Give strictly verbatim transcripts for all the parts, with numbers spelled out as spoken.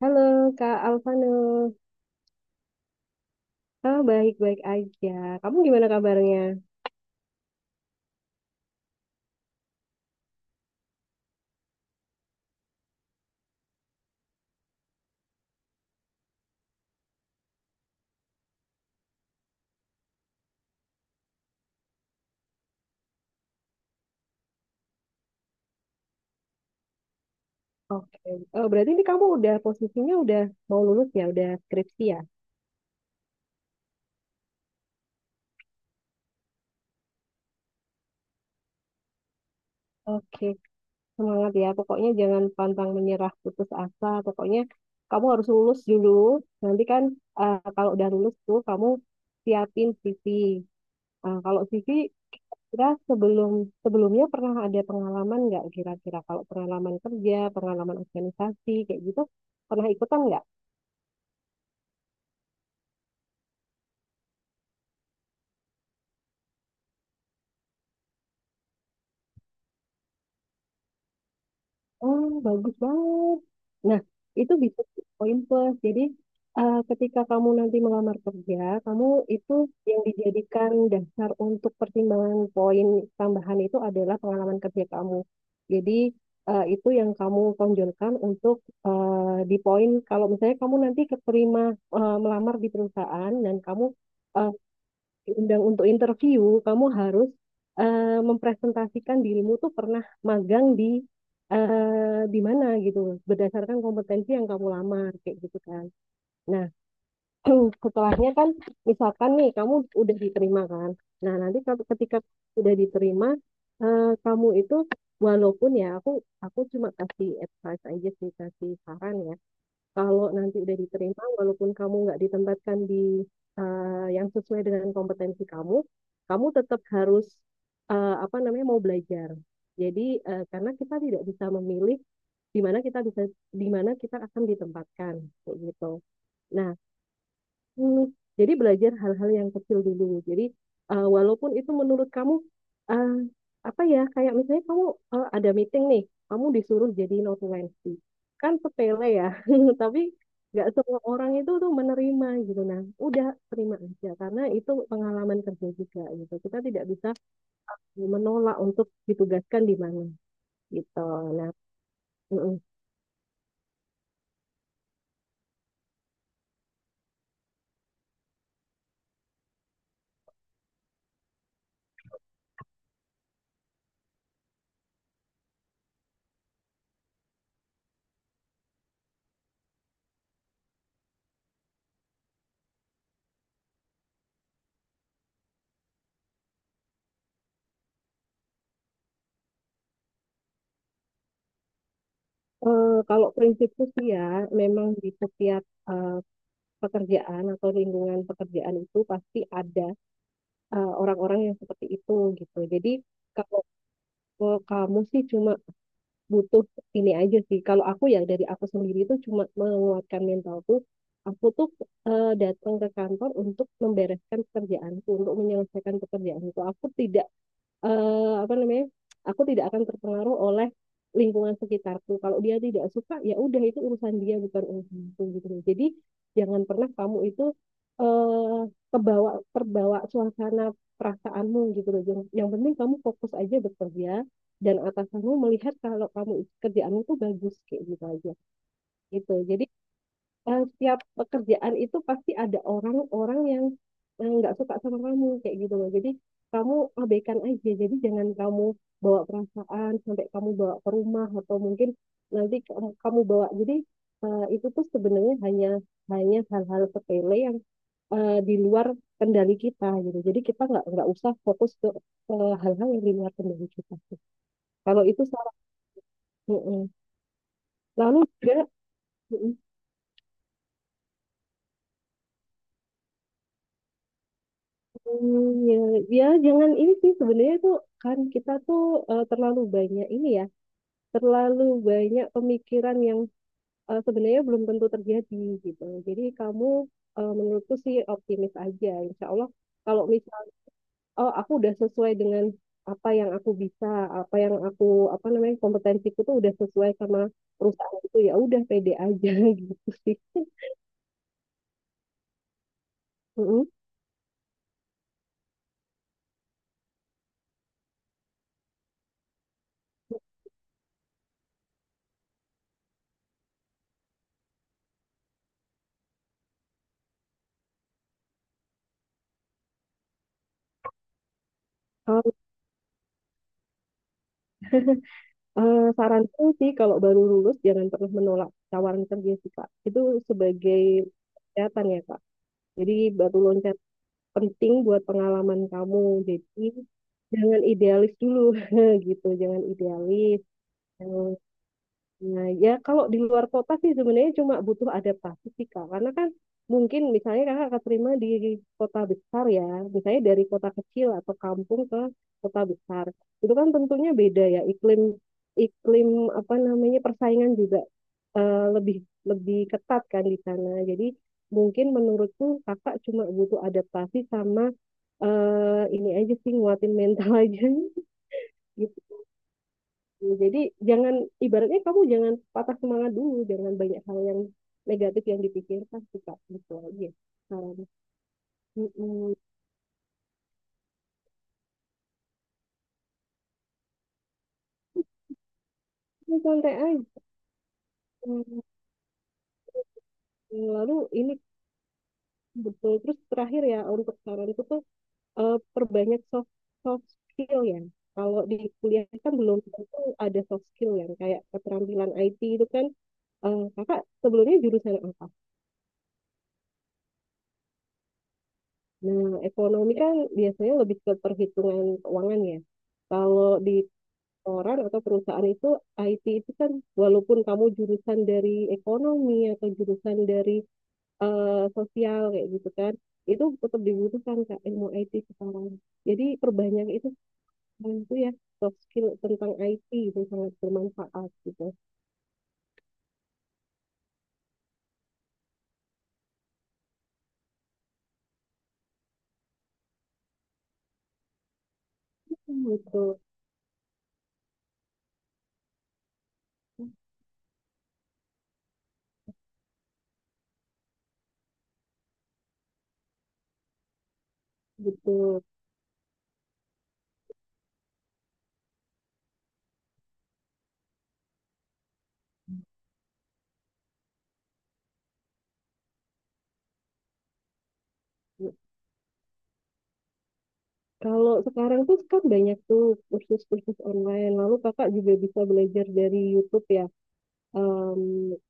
Halo Kak Alvano. Oh, baik-baik aja. Kamu gimana kabarnya? Oke. Oh, berarti ini kamu udah posisinya udah mau lulus ya, udah skripsi ya? Oke, semangat ya. Pokoknya jangan pantang menyerah, putus asa. Pokoknya kamu harus lulus dulu. Nanti kan eh, kalau udah lulus tuh kamu siapin C V. Nah, kalau C V kita sebelum sebelumnya pernah ada pengalaman nggak kira-kira? Kalau pengalaman kerja, pengalaman organisasi kayak gitu, pernah ikutan nggak? Oh, bagus banget. Nah, itu bisa jadi poin plus. Jadi, eh, ketika kamu nanti melamar kerja, kamu itu yang dijadikan dasar untuk pertimbangan poin tambahan itu adalah pengalaman kerja kamu. Jadi, eh, itu yang kamu tonjolkan untuk eh, di poin. Kalau misalnya kamu nanti keterima eh, melamar di perusahaan dan kamu eh, diundang untuk interview, kamu harus eh, mempresentasikan dirimu tuh pernah magang di eh, di mana gitu berdasarkan kompetensi yang kamu lamar kayak gitu kan. Nah, setelahnya kan misalkan nih kamu udah diterima kan. Nah, nanti kalau ketika udah diterima eh, kamu itu walaupun ya aku aku cuma kasih advice aja sih kasih saran ya kalau nanti udah diterima, walaupun kamu nggak ditempatkan di eh, yang sesuai dengan kompetensi kamu, kamu tetap harus eh, apa namanya mau belajar. Jadi eh, karena kita tidak bisa memilih di mana kita bisa di mana kita akan ditempatkan kayak gitu. Nah, Hmm, jadi belajar hal-hal yang kecil dulu. Jadi eh, walaupun itu menurut kamu eh, apa ya kayak misalnya kamu eh, ada meeting nih, kamu disuruh jadi notulensi. Kan sepele ya, tapi nggak semua orang itu tuh menerima gitu. Nah, udah terima aja karena itu pengalaman kerja juga gitu. Kita tidak bisa menolak untuk ditugaskan di mana gitu. Nah, mm-mm. Eh, kalau prinsipku sih ya, memang di setiap eh, pekerjaan atau lingkungan pekerjaan itu pasti ada eh, orang-orang yang seperti itu gitu. Jadi kalau kalau kamu sih cuma butuh ini aja sih. Kalau aku ya dari aku sendiri itu cuma menguatkan mentalku. Aku tuh eh, datang ke kantor untuk membereskan pekerjaanku, untuk menyelesaikan pekerjaanku. Aku tidak eh, apa namanya aku tidak akan terpengaruh oleh lingkungan sekitarku kalau dia tidak suka ya udah itu urusan dia bukan urusanku gitu loh. Jadi jangan pernah kamu itu eh kebawa terbawa suasana perasaanmu gitu loh yang, yang penting kamu fokus aja bekerja dan atasanmu melihat kalau kamu kerjaanmu tuh bagus kayak gitu aja gitu jadi eh, setiap pekerjaan itu pasti ada orang-orang yang eh, nggak suka sama kamu kayak gitu loh. Jadi kamu abaikan aja. Jadi jangan kamu bawa perasaan sampai kamu bawa ke rumah atau mungkin nanti kamu, kamu bawa. Jadi eh, itu tuh sebenarnya hanya hanya hal-hal sepele yang eh, di luar kendali kita gitu. Jadi kita nggak nggak usah fokus ke eh, hal-hal yang di luar kendali kita. Kalau itu salah. Mm-mm. Lalu juga, mm-mm. Hmm, ya, ya jangan ini sih sebenarnya tuh kan kita tuh eh, terlalu banyak ini ya, terlalu banyak pemikiran yang eh, sebenarnya belum tentu terjadi gitu. Jadi kamu eh, menurutku sih optimis aja, Insya Allah. Kalau misal, oh aku udah sesuai dengan apa yang aku bisa, apa yang aku apa namanya kompetensiku tuh udah sesuai sama perusahaan itu ya udah pede aja gitu sih. Mm-mm. Eh, saranku sih kalau baru lulus jangan pernah menolak tawaran kerja sih Kak. Itu sebagai loncatan ya Kak. Jadi batu loncat penting buat pengalaman kamu. Jadi jangan idealis dulu gitu. Jangan idealis. Nah, ya kalau di luar kota sih sebenarnya cuma butuh adaptasi sih Kak. Karena kan mungkin misalnya Kakak keterima di kota besar ya, misalnya dari kota kecil atau kampung ke kota besar. Itu kan tentunya beda ya iklim iklim apa namanya persaingan juga eh, lebih lebih ketat kan di sana. Jadi mungkin menurutku Kakak cuma butuh adaptasi sama eh, ini aja sih nguatin mental aja gitu. Ya, jadi jangan ibaratnya kamu jangan patah semangat dulu, jangan banyak hal yang negatif yang dipikirkan sih Kak. Gitu aja. Saran. Mm-mm. Ya, santai aja. Lalu ini betul terus terakhir ya untuk saranku tuh eh, perbanyak soft soft skill ya. Kalau di kuliah kan belum tentu ada soft skill yang kayak keterampilan I T itu kan eh, kakak sebelumnya jurusan apa? Nah, ekonomi kan biasanya lebih ke perhitungan keuangan ya. Kalau di orang atau perusahaan itu I T itu kan walaupun kamu jurusan dari ekonomi atau jurusan dari eh, sosial kayak gitu kan itu tetap dibutuhkan Kak ilmu I T sekarang. Jadi perbanyak itu sekarang itu ya soft skill tentang I T itu sangat bermanfaat gitu. Betul, betul. Kalau sekarang tuh kan banyak tuh kursus-kursus online. Lalu Kakak juga bisa belajar dari YouTube ya. Em,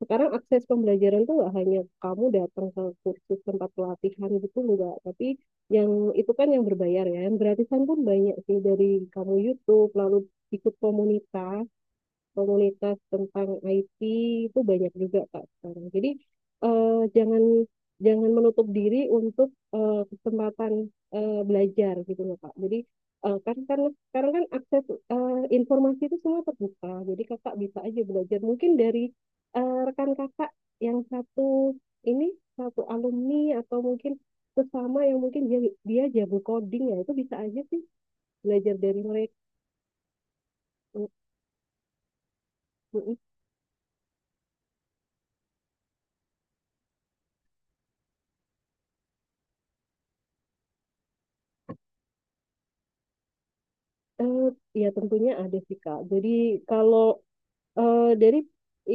sekarang akses pembelajaran tuh nggak hanya kamu datang ke kursus tempat pelatihan gitu enggak, tapi yang itu kan yang berbayar ya, yang gratisan pun banyak sih dari kamu YouTube, lalu ikut komunitas komunitas tentang I T itu banyak juga Kak sekarang. Jadi eh, jangan jangan menutup diri untuk eh, kesempatan eh, belajar gitu loh Kak. Jadi eh, kan karena sekarang kan akses eh, informasi itu semua terbuka. Jadi kakak bisa aja belajar mungkin dari eh, rekan kakak yang satu ini satu alumni atau mungkin sesama yang mungkin dia dia jago coding ya itu bisa aja sih belajar dari mereka. Eh, Ya tentunya ada sih Kak. Jadi kalau eh, dari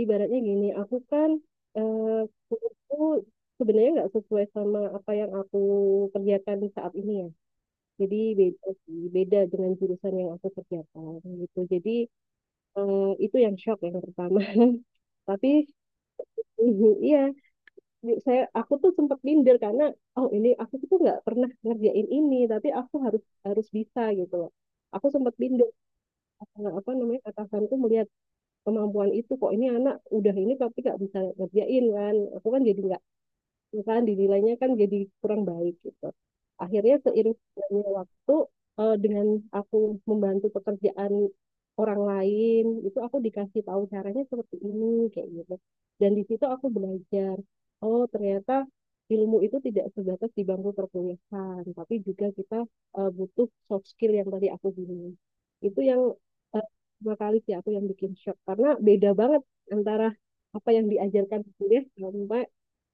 ibaratnya gini, aku kan eh, kuliahku sebenarnya nggak sesuai sama apa yang aku kerjakan saat ini ya. Jadi beda sih, beda dengan jurusan yang aku kerjakan gitu. Jadi eh, itu yang shock yang pertama. Tapi mhm, iya, di- saya aku tuh sempat minder karena oh ini aku tuh nggak pernah ngerjain ini, tapi aku harus harus bisa gitu loh. Aku sempat minder eh, apa namanya atasanku melihat kemampuan itu kok ini anak udah ini tapi nggak bisa ngerjain kan aku kan jadi nggak ya kan dinilainya kan jadi kurang baik gitu. Akhirnya seiring berjalannya waktu eh, dengan aku membantu pekerjaan orang lain itu aku dikasih tahu caranya seperti ini kayak gitu. Dan di situ aku belajar, oh ternyata ilmu itu tidak sebatas di bangku perkuliahan, tapi juga kita eh, butuh soft skill yang tadi aku bilang. Itu yang eh, dua kali sih aku yang bikin shock karena beda banget antara apa yang diajarkan di kuliah sama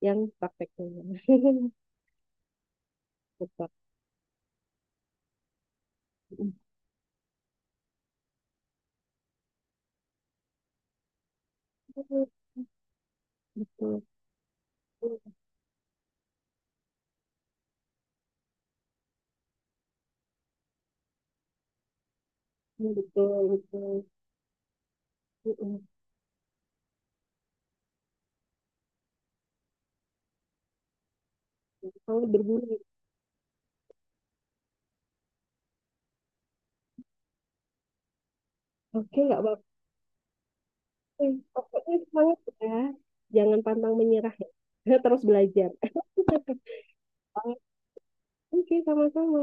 yang prakteknya, tetap betul betul betul Mm-mm. Kalau berbunyi oke nggak apa-apa, pokoknya semangat ya, jangan pantang menyerah ya. Terus belajar. Oke, sama-sama.